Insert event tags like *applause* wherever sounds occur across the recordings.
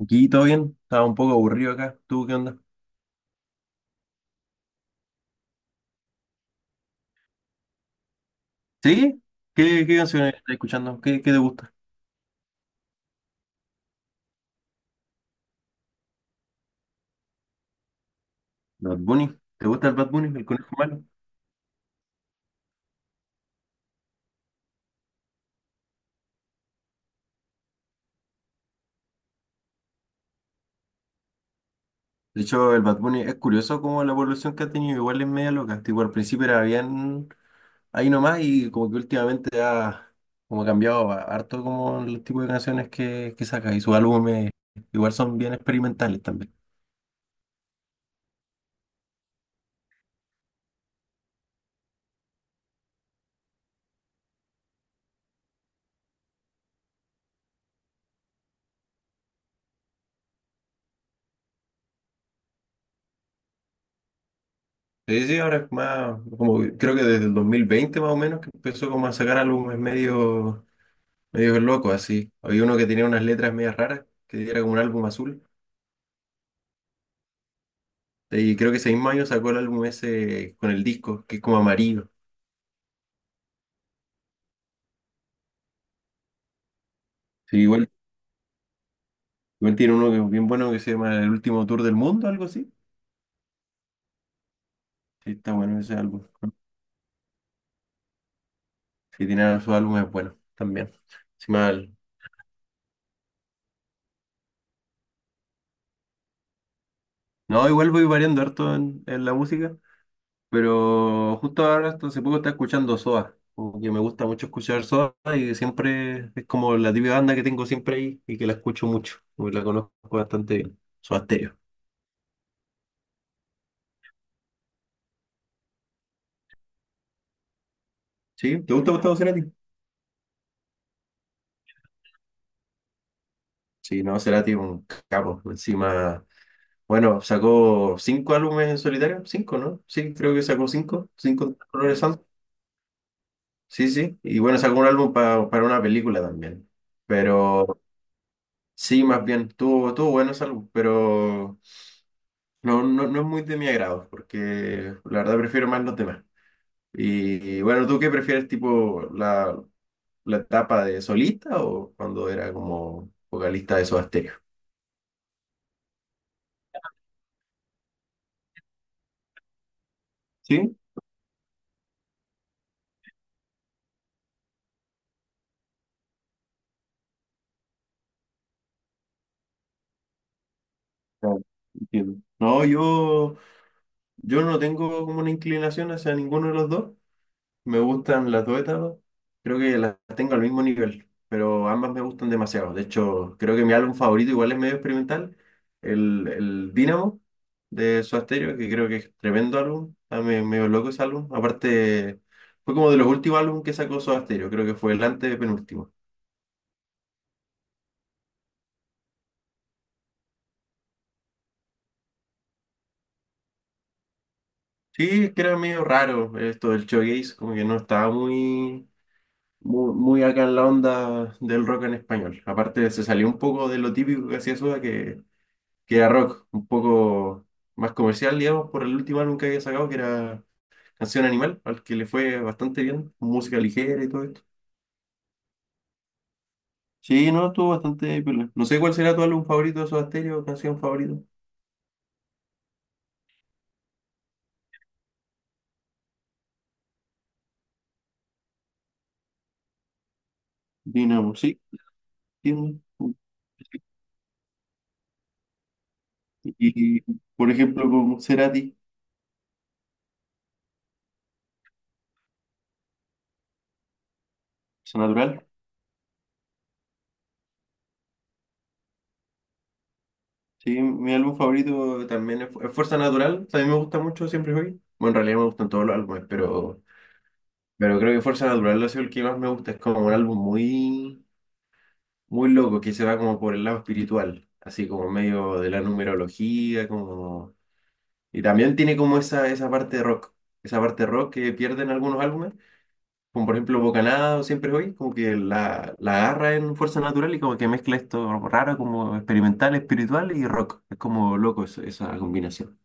Aquí todo bien, estaba un poco aburrido acá. ¿Tú qué onda? ¿Sí? ¿Qué canciones estás escuchando? ¿Qué te gusta? ¿Bad Bunny? ¿Te gusta el Bad Bunny, el conejo malo? De hecho, el Bad Bunny es curioso como la evolución que ha tenido, igual es media loca. Tipo, al principio era bien ahí nomás y como que últimamente ha como harto como el tipo de canciones que saca y sus álbumes igual son bien experimentales también. Sí, sí, ahora es más, como que creo que desde el 2020 más o menos que empezó como a sacar álbumes medio loco así. Había uno que tenía unas letras medias raras, que era como un álbum azul. Y creo que ese mismo año sacó el álbum ese con el disco, que es como amarillo. Sí, igual, igual tiene uno que es bien bueno que se llama El Último Tour del Mundo, algo así. Sí, está bueno ese álbum. Sí, tiene sus álbumes buenos también. Sí, mal. No, igual voy variando harto en la música. Pero justo ahora, hasta hace poco estaba escuchando Soda. Como que me gusta mucho escuchar Soda y siempre es como la típica banda que tengo siempre ahí y que la escucho mucho. Como que la conozco bastante bien. Soda Stereo. ¿Sí? ¿Te gusta Gustavo Cerati? Sí, no, Cerati es un capo. Encima, bueno, sacó cinco álbumes en solitario. Cinco, ¿no? Sí, creo que sacó cinco. Cinco colores santos. Sí, sí. Y bueno, sacó un álbum para una película también. Pero sí, más bien, tuvo buenos álbumes, pero. No, no es muy de mi agrado, porque la verdad prefiero más los demás. Y bueno, ¿tú qué prefieres, tipo, la etapa de solista o cuando era como vocalista de Soda Stereo? Sí, claro, entiendo. No, yo no tengo como una inclinación hacia ninguno de los dos. Me gustan las dos etapas, creo que las tengo al mismo nivel, pero ambas me gustan demasiado. De hecho, creo que mi álbum favorito igual es medio experimental, el Dynamo de Soda Stereo, que creo que es tremendo álbum, está medio loco ese álbum. Aparte, fue como de los últimos álbumes que sacó Soda Stereo, creo que fue el antepenúltimo. Sí, es que era medio raro esto del showcase, como que no estaba muy acá en la onda del rock en español. Aparte, se salió un poco de lo típico que hacía Soda, que era rock, un poco más comercial, digamos, por el último álbum que había sacado, que era Canción Animal, al que le fue bastante bien, música ligera y todo esto. Sí, no, estuvo bastante piola. No sé cuál será tu álbum favorito de Soda Stereo, canción favorita. Dinamo, sí, entiendo. Y, por ejemplo, con Cerati, Fuerza Natural. Sí, mi álbum favorito también es Fuerza Natural. También me gusta mucho Siempre Hoy. Bueno, en realidad me gustan todos los álbumes, pero creo que Fuerza Natural ha sido el que más me gusta. Es como un álbum muy loco, que se va como por el lado espiritual, así como medio de la numerología, como... Y también tiene como esa parte de rock, esa parte rock que pierden algunos álbumes, como por ejemplo Bocanada o Siempre Hoy, como que la agarra en Fuerza Natural y como que mezcla esto raro, como experimental, espiritual y rock. Es como loco esa combinación.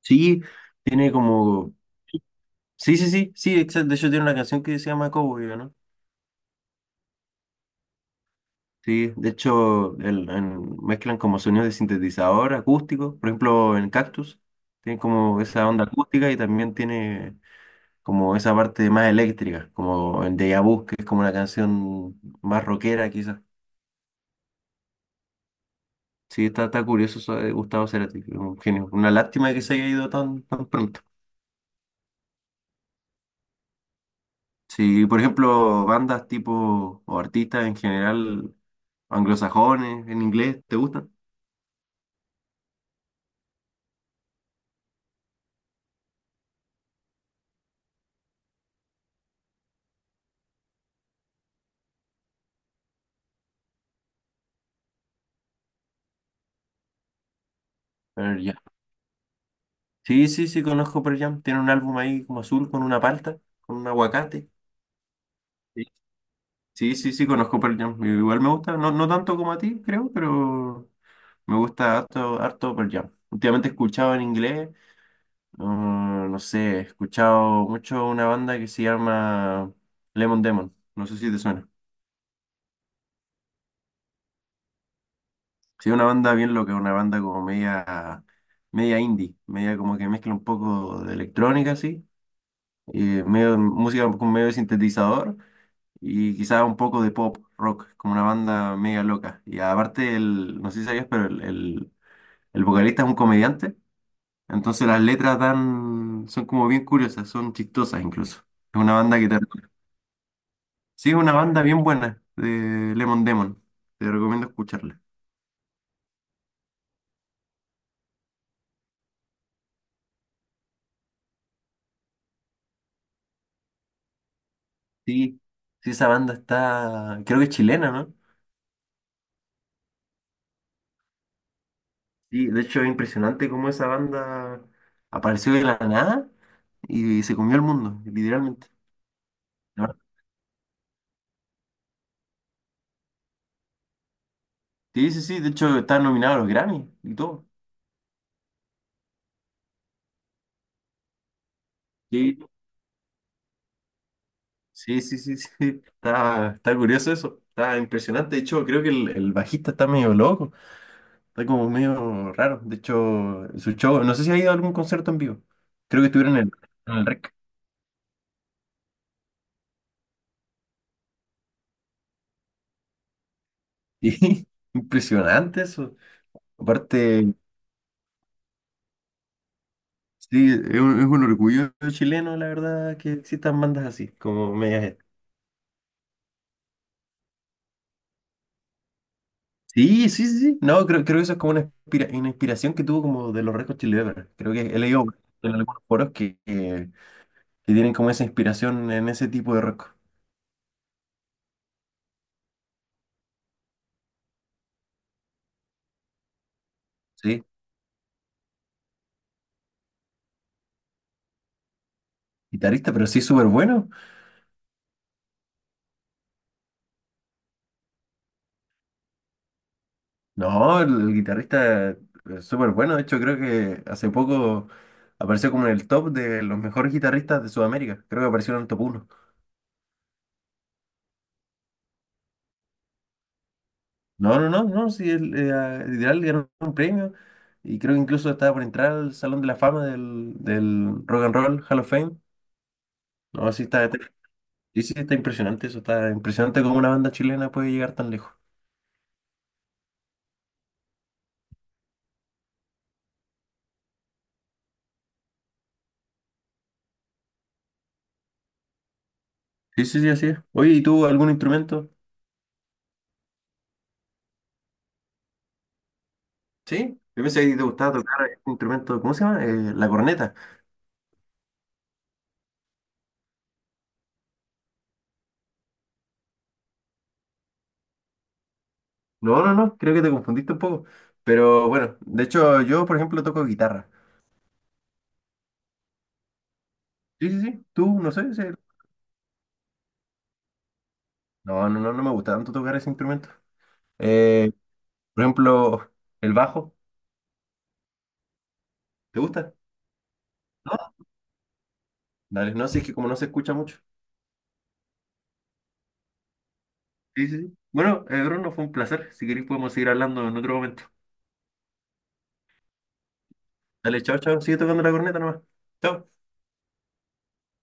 Sí, tiene como... Sí, sí, sí, sí, exacto. De hecho tiene una canción que se llama Cowboy, ¿no? Sí, de hecho, mezclan como sonidos de sintetizador acústico, por ejemplo, en Cactus, tiene como esa onda acústica y también tiene como esa parte más eléctrica, como en Deja Vu, que es como una canción más rockera quizás. Sí, está curioso eso de Gustavo Cerati, un genio. Una lástima que se haya ido tan pronto. Sí, por ejemplo, bandas tipo, o artistas en general, anglosajones, en inglés, ¿te gustan? Sí, sí, sí, conozco Pearl Jam. Tiene un álbum ahí como azul con una palta, con un aguacate. Sí, sí, sí, sí, conozco Pearl Jam. Igual me gusta, no, no tanto como a ti, creo, pero me gusta harto, harto Pearl Jam. Últimamente he escuchado en inglés, no sé, he escuchado mucho una banda que se llama Lemon Demon. No sé si te suena. Sí, una banda bien loca, una banda como media, media indie, media como que mezcla un poco de electrónica, así, y medio música con medio de sintetizador. Y quizá un poco de pop rock, como una banda mega loca. Y aparte, no sé si sabías, pero el vocalista es un comediante, entonces las letras dan, son como bien curiosas, son chistosas incluso. Es una banda que te... Sí, es una banda bien buena de Lemon Demon, te recomiendo escucharla. Sí, sí, esa banda está, creo que es chilena, ¿no? Sí, de hecho es impresionante cómo esa banda apareció de la nada y se comió el mundo, literalmente. Sí, sí, sí, de hecho está nominado a los Grammy y todo. Sí, sí, sí, sí, *laughs* sí. Está curioso eso, está impresionante. De hecho, creo que el bajista está medio loco, está como medio raro. De hecho, su show, no sé si ha ido a algún concierto en vivo. Creo que estuvieron en el REC. Sí, *laughs* impresionante eso. Aparte, sí, es un orgullo chileno, la verdad, que existan bandas así, como medias. Sí, sí, sí, sí. No, creo que eso es como una, una inspiración que tuvo como de los Red Hot Chili Peppers. Creo que he leído en algunos foros que tienen como esa inspiración en ese tipo de rock. Sí, guitarrista, pero sí súper bueno. No, el guitarrista es súper bueno. De hecho, creo que hace poco apareció como en el top de los mejores guitarristas de Sudamérica. Creo que apareció en el top uno. No, no, no, no, sí, literal ganó un premio y creo que incluso estaba por entrar al Salón de la Fama del Rock and Roll Hall of Fame. No, sí sí, sí, está impresionante eso, está impresionante cómo una banda chilena puede llegar tan lejos. Sí, sí, sí, así es. Oye, ¿y tú algún instrumento? Sí, yo pensé que te gustaba tocar un instrumento, ¿cómo se llama? La corneta. No, no, no, creo que te confundiste un poco. Pero bueno, de hecho yo, por ejemplo, toco guitarra. Sí, sí, sí, tú, no sé, sí. No, no, no, no me gusta tanto tocar ese instrumento. Eh, por ejemplo, el bajo, ¿te gusta? No, Dale, no, si es que como no se escucha mucho. Sí, sí, sí. Bueno, Bruno, fue un placer. Si queréis podemos seguir hablando en otro momento. Dale, chao, chao. Sigue tocando la corneta nomás. Chao.